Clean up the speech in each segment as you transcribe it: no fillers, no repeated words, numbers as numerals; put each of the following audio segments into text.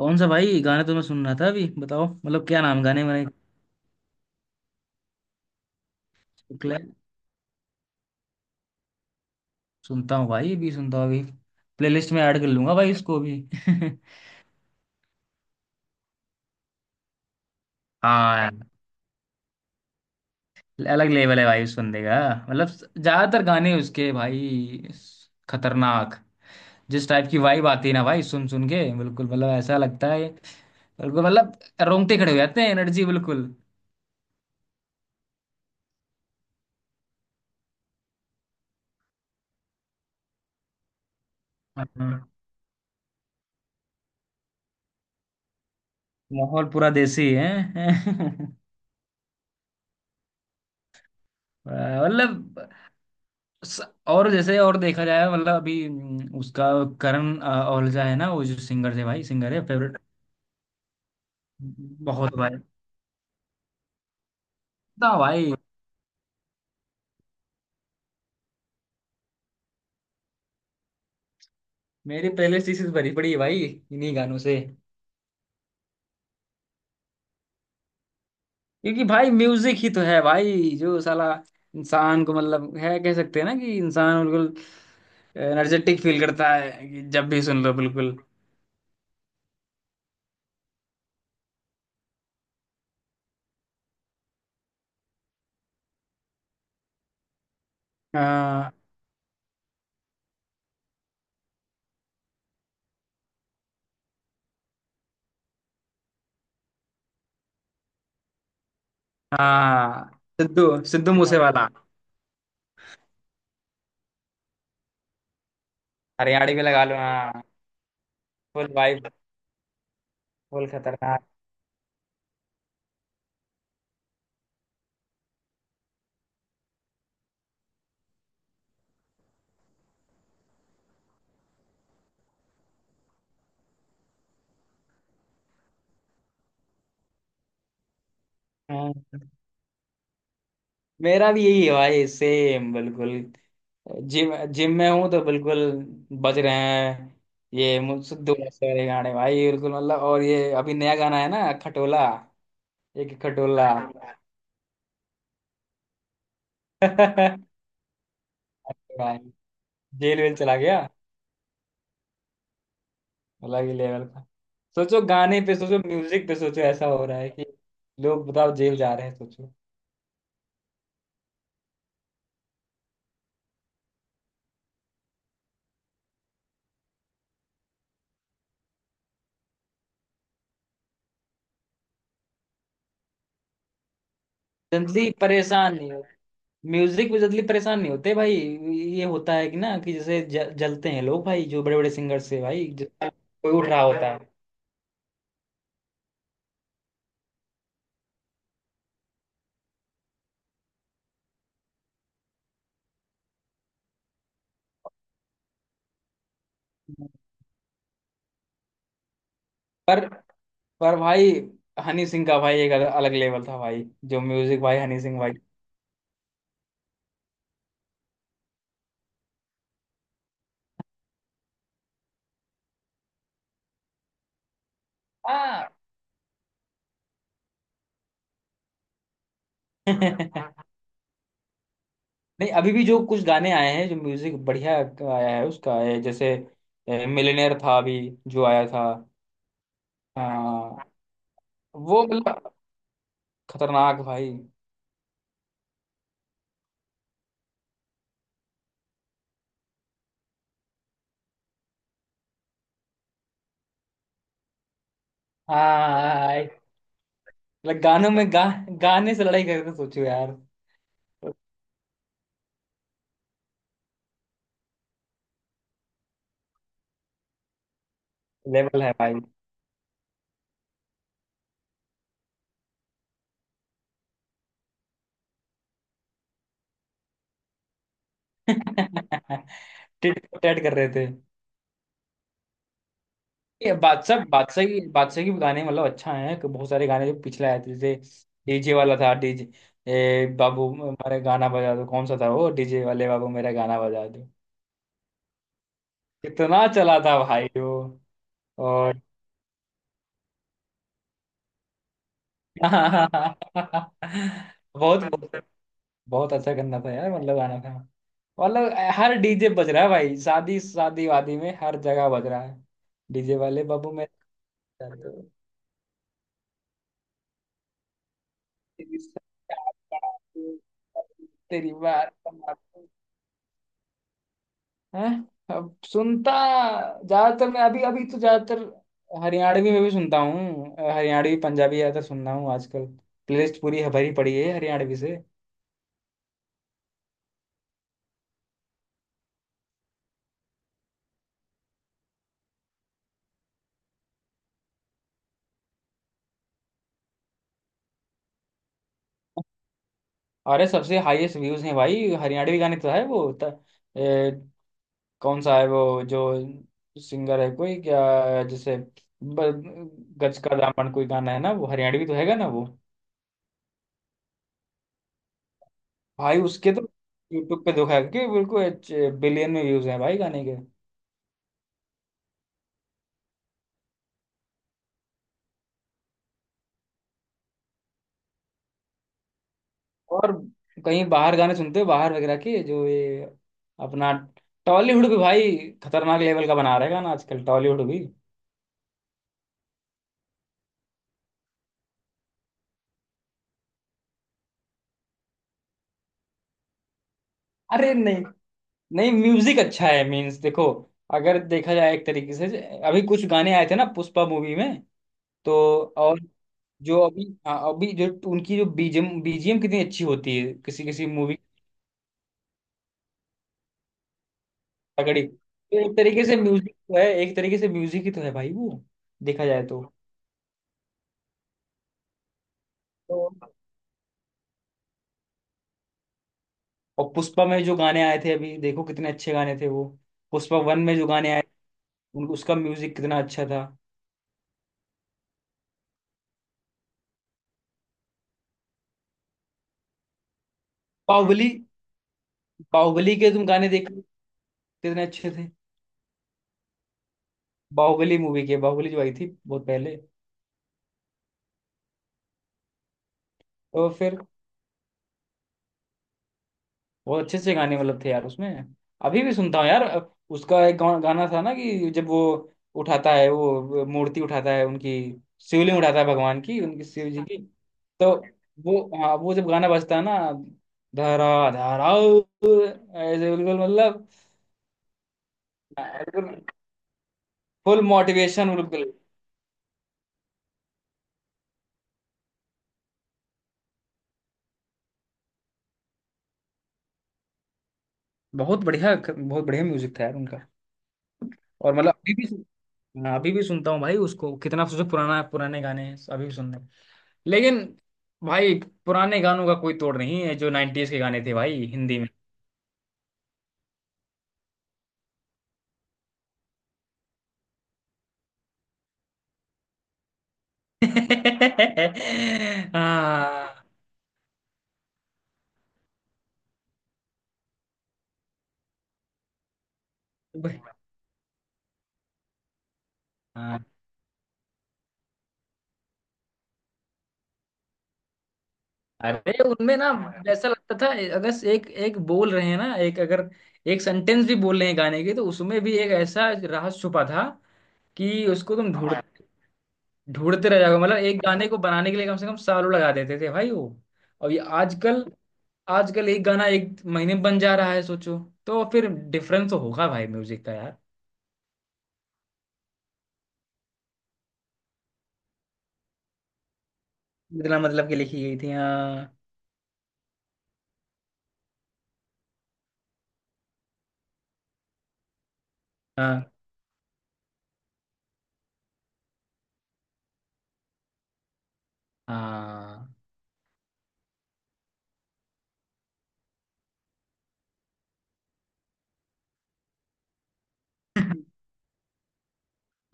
कौन सा भाई? गाने तो मैं सुन रहा था अभी। बताओ, मतलब, क्या नाम गाने मैंने शुक्ला है? सुनता हूँ भाई, अभी सुनता हूँ। अभी प्लेलिस्ट में ऐड कर लूंगा भाई, उसको भी। हाँ यार, अलग लेवल है भाई सुनने का। मतलब ज्यादातर गाने उसके भाई, खतरनाक। जिस टाइप की वाइब आती है ना भाई, सुन सुन के बिल्कुल, मतलब ऐसा लगता है बिल्कुल, मतलब रोंगटे खड़े हो जाते हैं। एनर्जी बिल्कुल। हाँ, माहौल पूरा देसी है। मतलब स- और जैसे, और देखा जाए, मतलब अभी उसका करण औलजा है ना, वो जो सिंगर थे भाई, सिंगर है फेवरेट। बहुत भाई। ना भाई, मेरी पहले इसी से भरी पड़ी है भाई, इन्हीं गानों से। क्योंकि भाई म्यूजिक ही तो है भाई जो साला इंसान को मतलब है, कह सकते हैं ना कि इंसान बिल्कुल एनर्जेटिक फील करता है कि जब भी सुन लो बिल्कुल। हाँ। हाँ सिद्धू सिद्धू मूसे वाला। हरियाणवी लगा लो, हाँ। Full vibe. फुल खतरनाक। हाँ, मेरा भी यही है भाई, सेम बिल्कुल। जिम जिम में हूँ तो बिल्कुल बज रहे हैं। ये सिद्धू मूसे वाले गाने भाई बिल्कुल, मतलब। और ये अभी नया गाना है ना, खटोला। एक खटोला। भाई जेल वेल चला गया। अलग ही लेवल का सोचो। गाने पे सोचो, म्यूजिक पे सोचो, ऐसा हो रहा है कि लोग, बताओ, जेल जा रहे हैं, सोचो। जिंदगी परेशान नहीं, म्यूजिक में जल्दी परेशान नहीं होते भाई। ये होता है कि ना, कि जैसे जलते हैं लोग भाई, जो बड़े बड़े सिंगर्स से, भाई जैसे कोई उठ रहा होता है। पर पर भाई हनी सिंह का भाई एक अलग, अलग लेवल था भाई, जो म्यूजिक भाई, हनी सिंह भाई। हाँ। नहीं, अभी भी जो कुछ गाने आए हैं, जो म्यूजिक बढ़िया आया है उसका, ये जैसे मिलियनेयर था अभी जो आया था। हाँ, वो मतलब खतरनाक भाई। हाँ, मतलब गानों में गा गाने से लड़ाई करते, सोचो यार। लेवल है भाई। टिट फॉर टैट कर रहे थे। ये बादशाह बादशाह की बादशाह के भी गाने, मतलब अच्छा है कि बहुत सारे गाने जो पिछले आए थे, जैसे डीजे वाला था। डीजे ए बाबू मेरा गाना बजा दो, कौन सा था वो? डीजे वाले बाबू मेरा गाना बजा दो। कितना चला था भाई वो। और बहुत बहुत बहुत अच्छा गाना था यार, मतलब गाना था। मतलब हर डीजे बज रहा है भाई, शादी शादी वादी में, हर जगह बज रहा है, डीजे वाले बाबू मैं तेरी सरकार, तेरी बार हैं। अब सुनता ज्यादातर मैं अभी। अभी तो ज्यादातर हरियाणवी में भी सुनता हूँ, हरियाणवी पंजाबी ज्यादातर सुनना हूँ आजकल। प्लेलिस्ट पूरी भरी पड़ी है हरियाणवी से। अरे सबसे हाईएस्ट व्यूज हैं भाई हरियाणवी गाने तो, है वो। कौन सा है वो जो सिंगर है कोई, क्या जैसे, ब- गज का दामन कोई गाना है ना, वो हरियाणवी तो हैगा ना वो। भाई उसके तो यूट्यूब पे देखा है कि बिल्कुल बिलियन में व्यूज हैं भाई गाने के। और कहीं बाहर गाने सुनते हो? बाहर वगैरह के, जो ये अपना टॉलीवुड भी भाई खतरनाक लेवल का बना रहेगा ना आजकल, टॉलीवुड भी। अरे नहीं, नहीं, म्यूजिक अच्छा है, मीन्स देखो अगर देखा जाए एक तरीके से, अभी कुछ गाने आए थे ना पुष्पा मूवी में, तो। और जो अभी, हाँ, अभी जो उनकी जो बीजीएम बीजीएम कितनी अच्छी होती है किसी किसी मूवी, तगड़ी। तो एक तरीके से म्यूजिक तो है, एक तरीके से म्यूजिक ही तो है भाई वो, देखा जाए तो और पुष्पा में जो गाने आए थे अभी, देखो कितने अच्छे गाने थे वो। पुष्पा वन में जो गाने आए, उन उसका म्यूजिक कितना अच्छा था। बाहुबली बाहुबली के तुम गाने देखो, कितने अच्छे थे। बाहुबली मूवी के, बाहुबली जो आई थी बहुत पहले। तो फिर बहुत अच्छे अच्छे गाने मतलब थे यार उसमें। अभी भी सुनता हूँ यार, उसका एक गाना था ना कि जब वो उठाता है, वो मूर्ति उठाता है उनकी, शिवलिंग उठाता है भगवान की, उनकी शिव जी की। तो वो, हाँ, वो जब गाना बजता है ना, धरा धरा, ऐसे बिल्कुल, मतलब बिल्कुल, फुल मोटिवेशन बिल्कुल। बहुत बढ़िया, बहुत बढ़िया म्यूजिक था यार उनका। और मतलब अभी भी हाँ, अभी भी सुनता हूँ भाई उसको। कितना सोचो, पुराना पुराने गाने हैं, अभी भी सुनने। लेकिन भाई पुराने गानों का कोई तोड़ नहीं है, जो 90s के गाने थे भाई हिंदी में। हाँ। हाँ। अरे उनमें ना, ऐसा लगता था अगर एक एक बोल रहे हैं ना, एक अगर एक सेंटेंस भी बोल रहे हैं गाने के, तो उसमें भी एक ऐसा राज छुपा था कि उसको तुम ढूंढ हाँ, ढूंढते रह जाओगे। मतलब एक गाने को बनाने के लिए कम से कम सालों लगा देते थे भाई वो। और ये आजकल आजकल एक गाना एक महीने में बन जा रहा है, सोचो। तो फिर डिफरेंस तो होगा भाई म्यूजिक का यार। इतना मतलब कि लिखी गई थी। हाँ, हाँ, हाँ।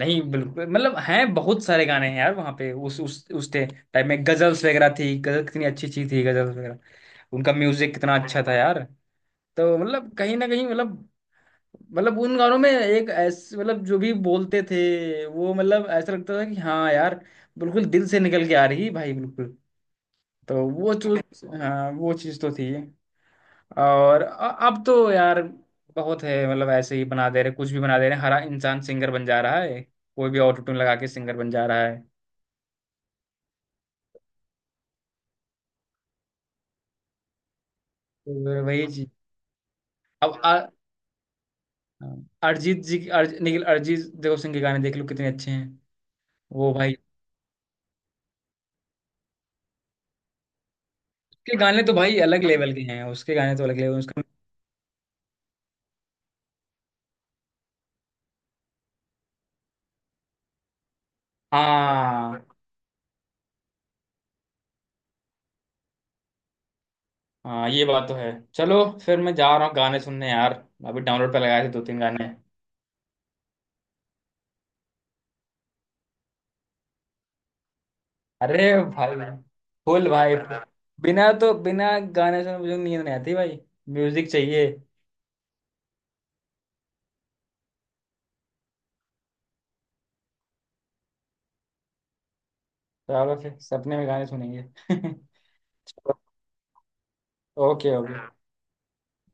नहीं बिल्कुल, मतलब हैं बहुत सारे गाने, हैं यार वहाँ पे, उस टाइम में गजल्स वगैरह थी, गजल कितनी अच्छी चीज थी, गजल्स वगैरह। उनका म्यूजिक कितना अच्छा था यार। तो मतलब कहीं ना कहीं, मतलब उन गानों में एक ऐसे, मतलब जो भी बोलते थे वो, मतलब ऐसा लगता था कि हाँ यार, बिल्कुल दिल से निकल के आ रही भाई, बिल्कुल। तो वो चीज, हाँ, वो चीज तो थी। और अब तो यार बहुत है, मतलब ऐसे ही बना दे रहे, कुछ भी बना दे रहे, हर इंसान सिंगर बन जा रहा है, कोई भी ऑटो ट्यून लगा के सिंगर बन जा रहा है। तो वही चीज। अब अरिजीत जी की- अर्ज, निखिल अरिजीत देव सिंह के गाने देख लो, कितने अच्छे हैं। वो भाई उसके गाने तो भाई अलग लेवल के हैं, उसके गाने तो अलग लेवल। हाँ हाँ, ये बात तो है। चलो फिर मैं जा रहा हूँ गाने सुनने यार। अभी डाउनलोड पे लगाए थे दो तीन गाने। अरे भाई फुल भाई full। बिना गाने सुने मुझे नींद नहीं आती भाई, म्यूजिक चाहिए। तो आप फिर सपने में गाने सुनेंगे? Okay, okay.